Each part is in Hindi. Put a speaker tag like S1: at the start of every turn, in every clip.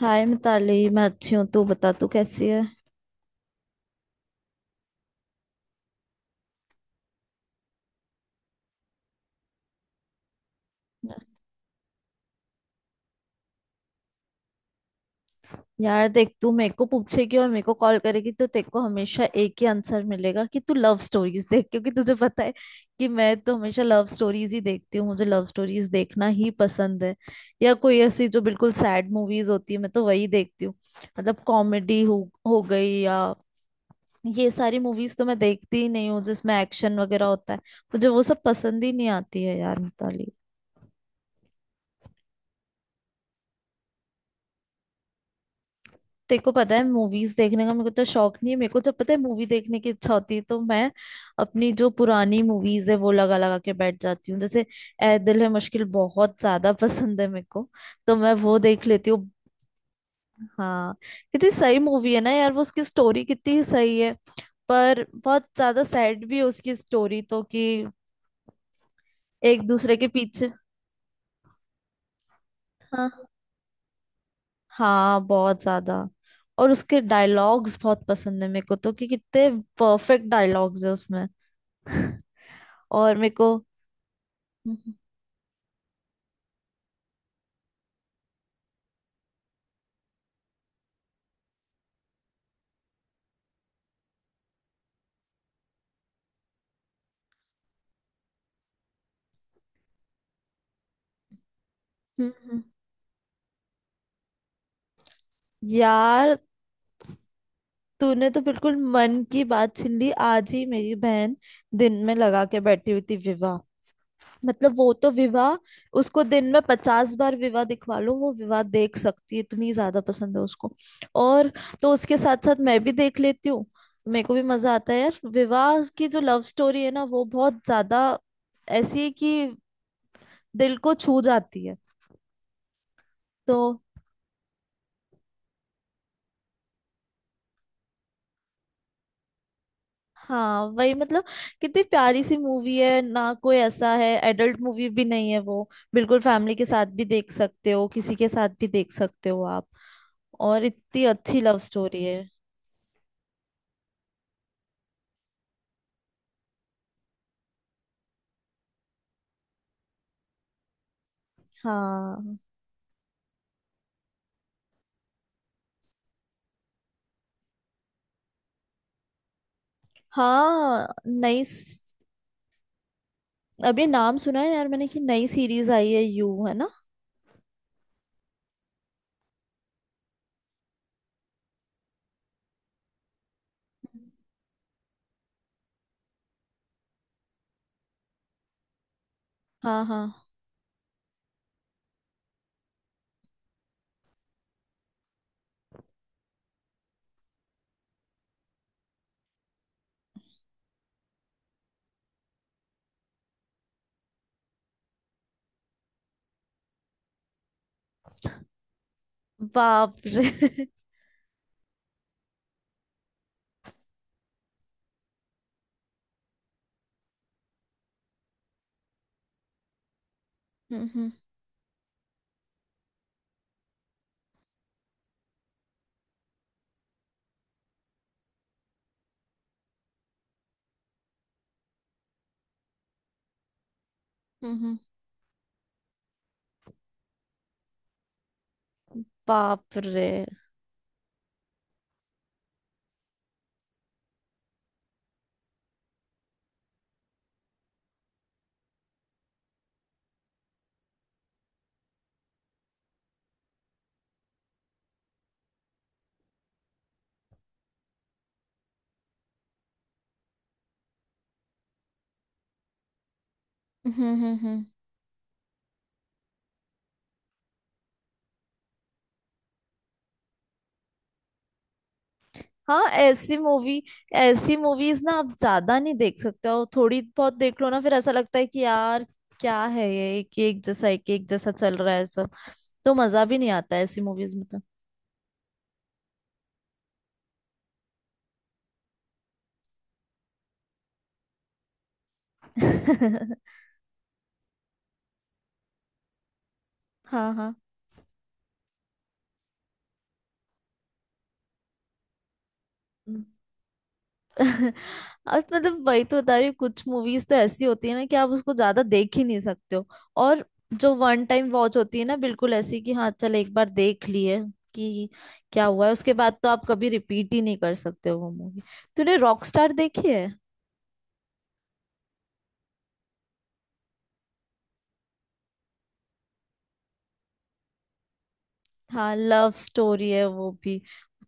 S1: हाय मिताली, मैं अच्छी हूँ। तू बता, तू कैसी है? यार देख, तू मेरे को पूछेगी और मेरे को कॉल करेगी तो तेरे को हमेशा एक ही आंसर मिलेगा कि तू लव स्टोरीज देख, क्योंकि तुझे पता है कि मैं तो हमेशा लव स्टोरीज ही देखती हूँ। मुझे लव स्टोरीज देखना ही पसंद है, या कोई ऐसी जो बिल्कुल सैड मूवीज होती है, मैं तो वही देखती हूँ। मतलब कॉमेडी हो गई या ये सारी मूवीज तो मैं देखती ही नहीं हूँ जिसमें एक्शन वगैरह होता है। मुझे वो सब पसंद ही नहीं आती है यार मिताली। तेरे को पता है, मूवीज देखने का मेरे को तो शौक नहीं है। मेरे को जब पता है मूवी देखने की इच्छा होती है तो मैं अपनी जो पुरानी मूवीज है वो लगा लगा के बैठ जाती हूँ। जैसे ए दिल है मुश्किल बहुत ज्यादा पसंद है मेरे को, तो मैं वो देख लेती हूँ। हाँ, कितनी सही मूवी है ना यार वो। उसकी स्टोरी कितनी सही है, पर बहुत ज्यादा सैड भी है उसकी स्टोरी तो, कि एक दूसरे के पीछे। हाँ। हाँ, बहुत ज्यादा। और उसके डायलॉग्स बहुत पसंद है मेरे को, तो कि कितने परफेक्ट डायलॉग्स है उसमें। और मेरे को हम्म। हम्म। यार तूने तो बिल्कुल मन की बात छीन ली आज ही मेरी बहन। दिन में लगा के बैठी हुई थी विवाह। मतलब वो तो विवाह, उसको दिन में पचास बार विवाह दिखवा लो वो विवाह देख सकती है, इतनी ज्यादा पसंद है उसको। और तो उसके साथ साथ मैं भी देख लेती हूँ। मेरे को भी मजा आता है यार। विवाह की जो लव स्टोरी है ना वो बहुत ज्यादा ऐसी है कि दिल को छू जाती है तो। हाँ वही, मतलब कितनी प्यारी सी मूवी है ना। कोई ऐसा है, एडल्ट मूवी भी नहीं है वो, बिल्कुल फैमिली के साथ भी देख सकते हो, किसी के साथ भी देख सकते हो आप। और इतनी अच्छी लव स्टोरी है। हाँ। हाँ। अभी नाम सुना है यार मैंने कि नई सीरीज आई है यू, है ना। हाँ। हाँ। बाप रे। हम्म, हम्म। हम्म, हम्म। बाप रे। हम्म, हम्म, हम्म। हाँ ऐसी मूवी, ऐसी मूवीज ना आप ज्यादा नहीं देख सकते हो। थोड़ी बहुत देख लो ना, फिर ऐसा लगता है कि यार क्या है ये, एक एक जैसा, एक एक जैसा चल रहा है सब। तो मजा भी नहीं आता है ऐसी मूवीज में तो। हाँ। हाँ। अब मतलब वही तो बता रही हूँ, कुछ मूवीज तो ऐसी होती है ना कि आप उसको ज्यादा देख ही नहीं सकते हो। और जो वन टाइम वॉच होती है ना, बिल्कुल ऐसी कि हाँ चल एक बार देख लिए कि क्या हुआ है, उसके बाद तो आप कभी रिपीट ही नहीं कर सकते हो वो मूवी। तूने रॉकस्टार देखी है? हाँ लव स्टोरी है वो भी,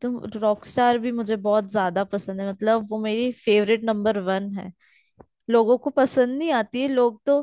S1: तो रॉकस्टार भी मुझे बहुत ज्यादा पसंद है। मतलब वो मेरी फेवरेट नंबर वन है। लोगों को पसंद नहीं आती है, लोग तो,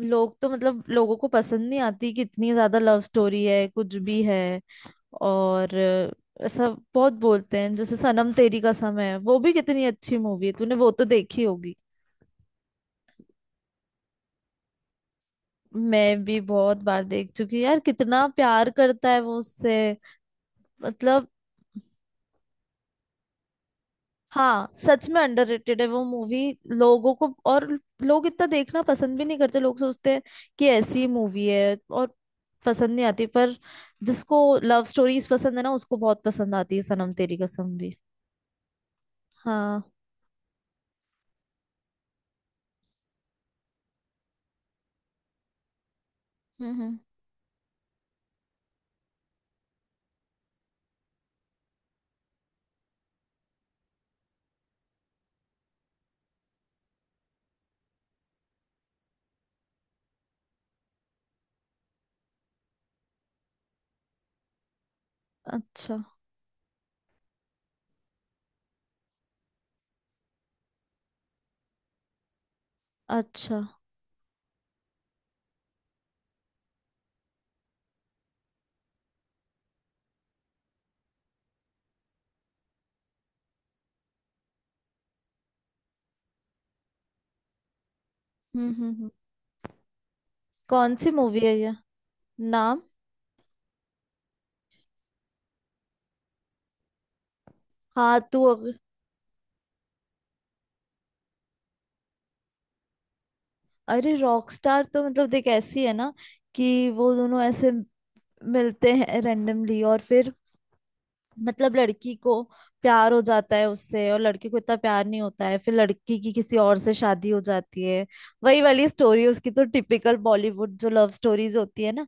S1: लोग तो मतलब लोगों को पसंद नहीं आती कि इतनी ज्यादा लव स्टोरी है कुछ भी है और ऐसा बहुत बोलते हैं। जैसे सनम तेरी कसम है, वो भी कितनी अच्छी मूवी है। तूने वो तो देखी होगी। मैं भी बहुत बार देख चुकी हूँ। यार कितना प्यार करता है वो उससे, मतलब। हाँ सच में अंडररेटेड है वो मूवी। लोगों को, और लोग इतना देखना पसंद भी नहीं करते। लोग सोचते हैं कि ऐसी मूवी है और पसंद नहीं आती, पर जिसको लव स्टोरीज पसंद है ना उसको बहुत पसंद आती है सनम तेरी कसम भी। हाँ। हम्म, हम्म। अच्छा। अच्छा। हम्म, हम्म। कौन सी मूवी है ये? नाम? हाँ, अरे रॉकस्टार तो मतलब देख, ऐसी है ना कि वो दोनों ऐसे मिलते हैं रेंडमली और फिर मतलब लड़की को प्यार हो जाता है उससे, और लड़के को इतना प्यार नहीं होता है। फिर लड़की की किसी और से शादी हो जाती है। वही वाली स्टोरी है उसकी तो, टिपिकल बॉलीवुड जो लव स्टोरीज होती है ना।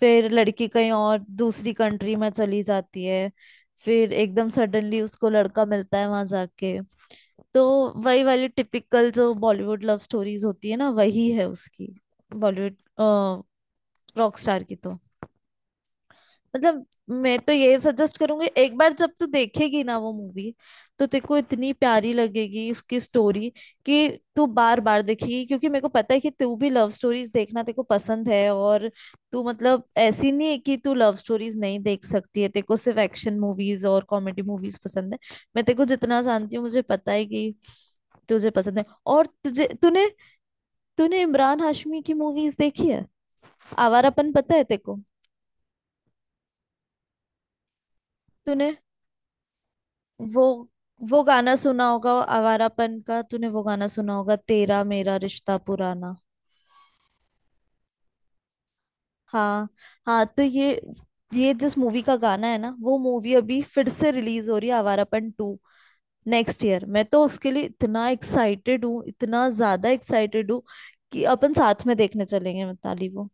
S1: फिर लड़की कहीं और दूसरी कंट्री में चली जाती है, फिर एकदम सडनली उसको लड़का मिलता है वहां जाके। तो वही वाली टिपिकल जो बॉलीवुड लव स्टोरीज होती है ना, वही है उसकी। बॉलीवुड रॉक स्टार की तो मतलब, मैं तो ये सजेस्ट करूंगी। एक बार जब तू देखेगी ना वो मूवी, तो तेरे को इतनी प्यारी लगेगी उसकी स्टोरी कि तू बार बार देखेगी। क्योंकि मेरे को पता है कि तू भी लव स्टोरीज देखना तेरे को पसंद है। और तू मतलब ऐसी नहीं है कि तू लव स्टोरीज नहीं देख सकती है, तेरे को सिर्फ एक्शन मूवीज और कॉमेडी मूवीज पसंद है। मैं तेरे को जितना जानती हूँ, मुझे पता है कि तुझे पसंद है। और तुझे, तूने, तूने इमरान हाशमी की मूवीज देखी है? आवारापन, पता है तेरे को? तूने वो वो गाना सुना होगा आवारापन का, तूने वो गाना सुना होगा, तेरा मेरा रिश्ता पुराना। हाँ। हाँ तो ये जिस मूवी का गाना है ना, वो मूवी अभी फिर से रिलीज हो रही है, आवारापन टू, नेक्स्ट ईयर। मैं तो उसके लिए इतना एक्साइटेड हूँ, इतना ज्यादा एक्साइटेड हूँ कि अपन साथ में देखने चलेंगे मिताली वो।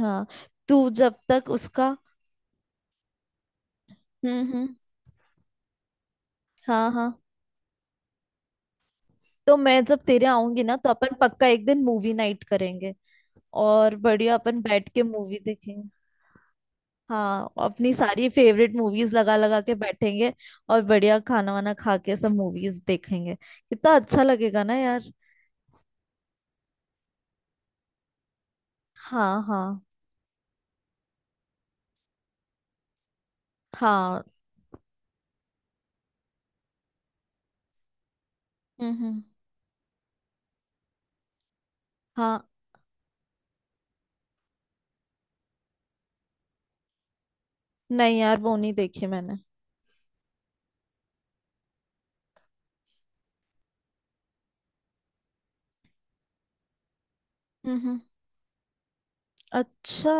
S1: हाँ तू जब तक उसका। हम्म, हम्म। हाँ। हाँ। तो मैं जब तेरे आऊंगी ना तो अपन पक्का एक दिन मूवी नाइट करेंगे। और बढ़िया अपन बैठ के मूवी देखेंगे। हाँ अपनी सारी फेवरेट मूवीज लगा लगा के बैठेंगे। और बढ़िया खाना वाना खा के सब मूवीज देखेंगे। कितना अच्छा लगेगा ना यार। हाँ, हाँ। हाँ। हम्म, हम्म। हाँ नहीं यार वो नहीं देखी मैंने। हम्म, हम्म। अच्छा।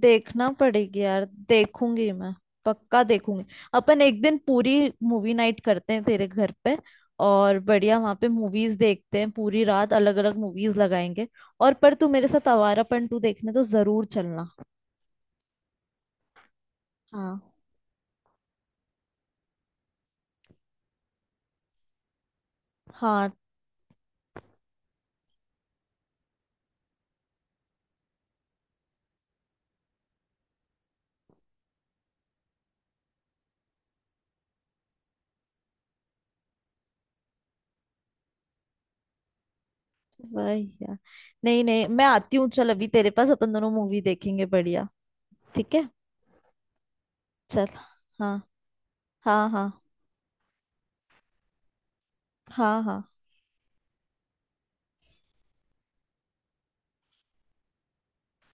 S1: देखना पड़ेगी यार, देखूंगी मैं। पक्का देखूंगी। अपन एक दिन पूरी मूवी नाइट करते हैं तेरे घर पे। और बढ़िया वहां पे मूवीज देखते हैं पूरी रात, अलग अलग मूवीज लगाएंगे। और पर तू मेरे साथ आवारा पंटू देखने तो जरूर चलना। हाँ। हाँ भाई यार। नहीं नहीं, मैं आती हूँ, चल अभी तेरे पास, अपन दोनों मूवी देखेंगे बढ़िया। ठीक है। चल। हाँ। हाँ, हाँ। हाँ। हाँ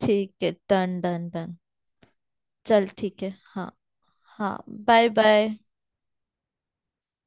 S1: ठीक है, डन डन डन। चल ठीक है। हाँ। हाँ बाय बाय।